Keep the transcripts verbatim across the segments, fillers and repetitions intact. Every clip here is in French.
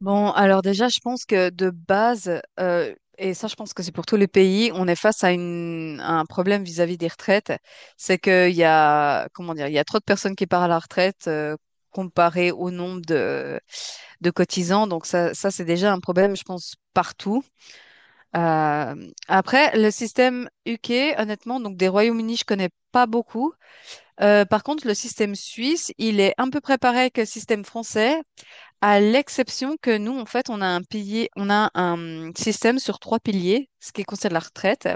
Bon, alors déjà, je pense que de base, euh, et ça, je pense que c'est pour tous les pays, on est face à, une, à un problème vis-à-vis des retraites. C'est qu'il y a, comment dire, il y a trop de personnes qui partent à la retraite euh, comparé au nombre de, de cotisants. Donc ça, ça c'est déjà un problème, je pense, partout. Euh, après, le système U K, honnêtement, donc des Royaumes-Unis, je connais pas beaucoup. Euh, par contre, le système suisse, il est un peu préparé que le système français, à l'exception que nous, en fait, on a un pilier, on a un système sur trois piliers, ce qui concerne la retraite.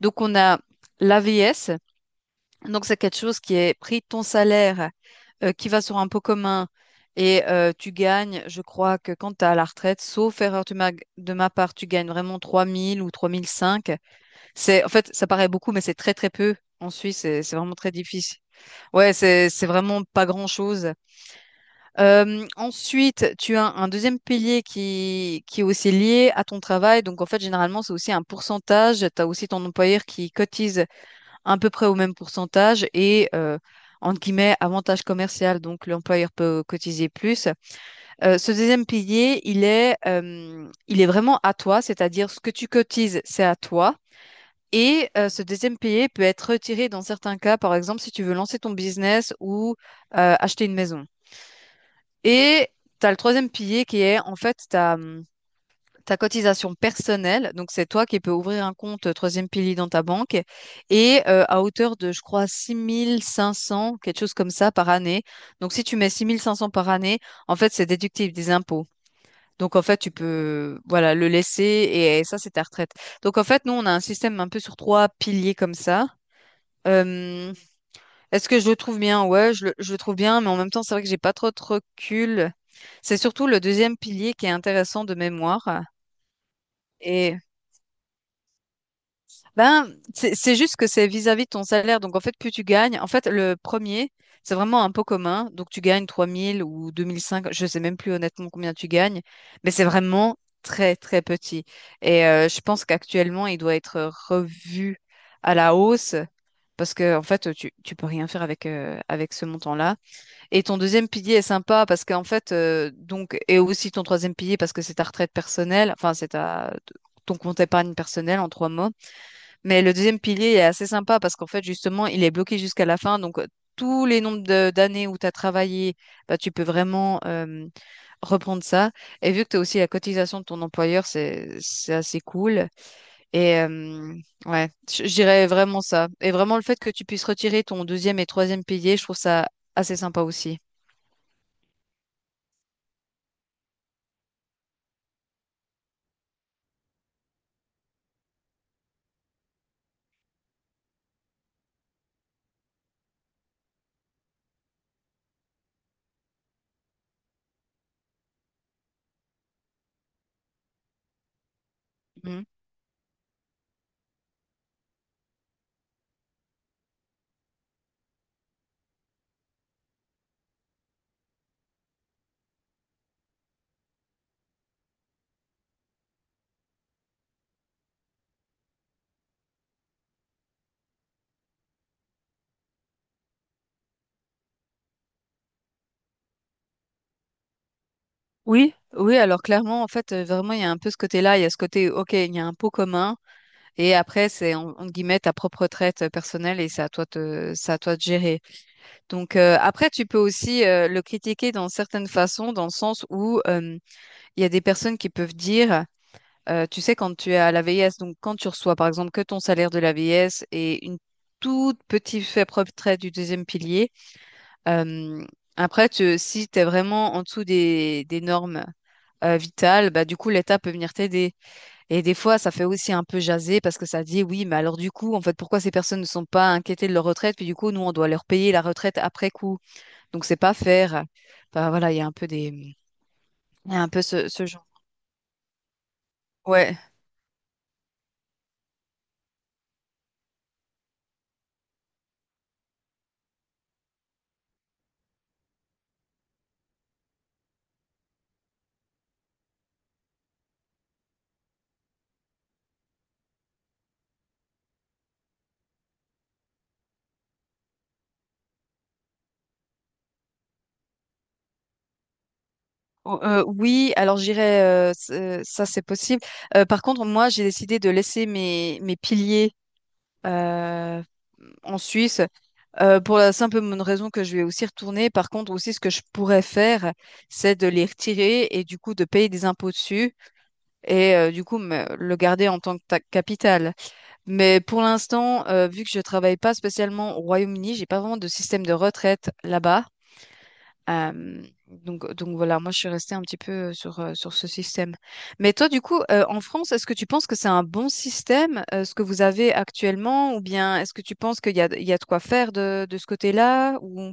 Donc, on a la l'A V S, donc c'est quelque chose qui est pris de ton salaire, euh, qui va sur un pot commun et euh, tu gagnes, je crois que quand tu as la retraite, sauf erreur de ma, de ma part, tu gagnes vraiment trois mille ou trois mille cinq. C'est, en fait, ça paraît beaucoup, mais c'est très très peu. En Suisse, c'est c'est vraiment très difficile. Ouais, c'est c'est vraiment pas grand-chose. Euh, ensuite, tu as un deuxième pilier qui, qui est aussi lié à ton travail. Donc, en fait, généralement, c'est aussi un pourcentage. Tu as aussi ton employeur qui cotise à peu près au même pourcentage et, euh, entre guillemets, avantage commercial. Donc, l'employeur peut cotiser plus. Euh, ce deuxième pilier, il est, euh, il est vraiment à toi, c'est-à-dire ce que tu cotises, c'est à toi. Et euh, ce deuxième pilier peut être retiré dans certains cas, par exemple, si tu veux lancer ton business ou euh, acheter une maison. Et tu as le troisième pilier qui est en fait ta, hum, ta cotisation personnelle. Donc c'est toi qui peux ouvrir un compte euh, troisième pilier dans ta banque et euh, à hauteur de, je crois, six mille cinq cents quelque chose comme ça par année. Donc si tu mets six mille cinq cents par année, en fait c'est déductible des impôts. Donc en fait tu peux voilà le laisser et, ça c'est ta retraite. Donc en fait nous on a un système un peu sur trois piliers comme ça. Euh, est-ce que je le trouve bien? Ouais, je le, je le trouve bien, mais en même temps, c'est vrai que j'ai pas trop de recul. C'est surtout le deuxième pilier qui est intéressant de mémoire. Et ben, c'est c'est juste que c'est vis-à-vis de ton salaire. Donc, en fait, plus tu gagnes, en fait, le premier, c'est vraiment un pot commun. Donc, tu gagnes trois mille ou deux mille cinq, je sais même plus honnêtement combien tu gagnes, mais c'est vraiment très, très petit. Et euh, je pense qu'actuellement, il doit être revu à la hausse parce que, en fait, tu, tu peux rien faire avec, euh, avec ce montant-là. Et ton deuxième pilier est sympa parce qu'en fait, euh, donc, et aussi ton troisième pilier parce que c'est ta retraite personnelle, enfin, c'est ta, ton compte épargne personnelle en trois mots. Mais le deuxième pilier est assez sympa parce qu'en fait, justement, il est bloqué jusqu'à la fin. Donc, tous les nombres de- d'années où tu as travaillé, bah, tu peux vraiment euh, reprendre ça. Et vu que tu as aussi la cotisation de ton employeur, c'est, c'est assez cool. Et euh, ouais, je je dirais vraiment ça. Et vraiment le fait que tu puisses retirer ton deuxième et troisième pilier, je trouve ça assez sympa aussi. Mhm. Oui, oui, alors clairement, en fait, euh, vraiment, il y a un peu ce côté-là, il y a ce côté, ok, il y a un pot commun, et après, c'est en, entre guillemets ta propre traite euh, personnelle, et c'est à toi de, c'est à toi de gérer. Donc euh, après, tu peux aussi euh, le critiquer dans certaines façons, dans le sens où euh, il y a des personnes qui peuvent dire, euh, tu sais, quand tu es à la V I S, donc quand tu reçois par exemple que ton salaire de la V I S et une toute petite faible retraite du deuxième pilier, euh, après, tu, si tu es vraiment en dessous des, des normes euh, vitales, bah, du coup, l'État peut venir t'aider. Et des fois, ça fait aussi un peu jaser parce que ça dit, oui, mais alors du coup, en fait, pourquoi ces personnes ne sont pas inquiétées de leur retraite, puis du coup, nous, on doit leur payer la retraite après coup. Donc c'est pas faire. Enfin voilà, il y a un peu des, il y a un peu ce, ce genre. Ouais. O- euh, oui, alors j'irai. euh, c'est- ça c'est possible. Euh, par contre, moi j'ai décidé de laisser mes mes piliers euh, en Suisse euh, pour la simple bonne raison que je vais aussi retourner. Par contre, aussi ce que je pourrais faire, c'est de les retirer et du coup de payer des impôts dessus et euh, du coup me- le garder en tant que ta- capital. Mais pour l'instant, euh, vu que je travaille pas spécialement au Royaume-Uni, j'ai pas vraiment de système de retraite là-bas. Euh, donc, donc voilà, moi je suis restée un petit peu euh, sur, euh, sur ce système. Mais toi, du coup, euh, en France, est-ce que tu penses que c'est un bon système, euh, ce que vous avez actuellement, ou bien est-ce que tu penses qu'il y a, il y a de quoi faire de, de ce côté-là, ou...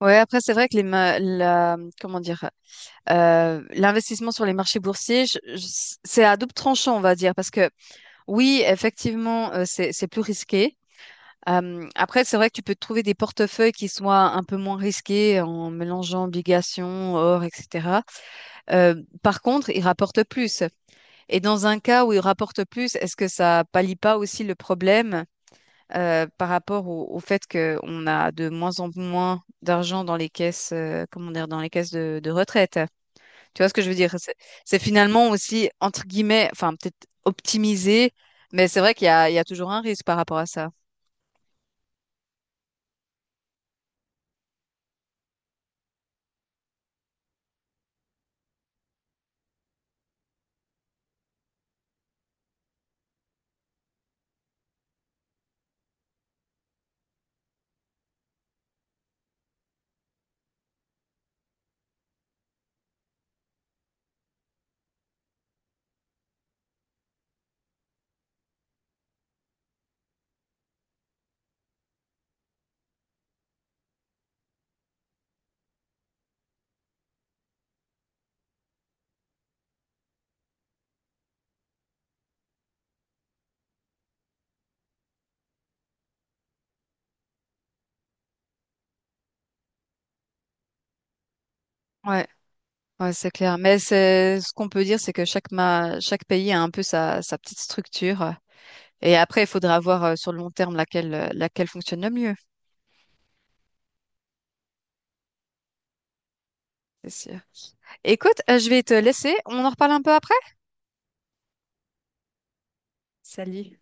Ouais, après, c'est vrai que les ma- la, comment dire, euh, l'investissement sur les marchés boursiers, je- je- c'est à double tranchant, on va dire, parce que oui, effectivement, euh, c'est c'est plus risqué. Euh, après, c'est vrai que tu peux trouver des portefeuilles qui soient un peu moins risqués en mélangeant obligations, or, et cetera. Euh, par contre, ils rapportent plus. Et dans un cas où ils rapportent plus, est-ce que ça pallie pas aussi le problème euh, par rapport au, au fait qu'on a de moins en moins d'argent dans les caisses, euh, comment dire, dans les caisses de, de retraite? Tu vois ce que je veux dire? C'est c'est finalement aussi, entre guillemets, enfin, peut-être optimisé, mais c'est vrai qu'il y a, il y a toujours un risque par rapport à ça. Ouais, ouais, c'est clair. Mais c'est ce qu'on peut dire, c'est que chaque ma- chaque pays a un peu sa, sa petite structure. Et après, il faudra voir euh, sur le long terme laquelle, euh, laquelle fonctionne le mieux, c'est sûr. Écoute, euh, je vais te laisser. On en reparle un peu après? Salut.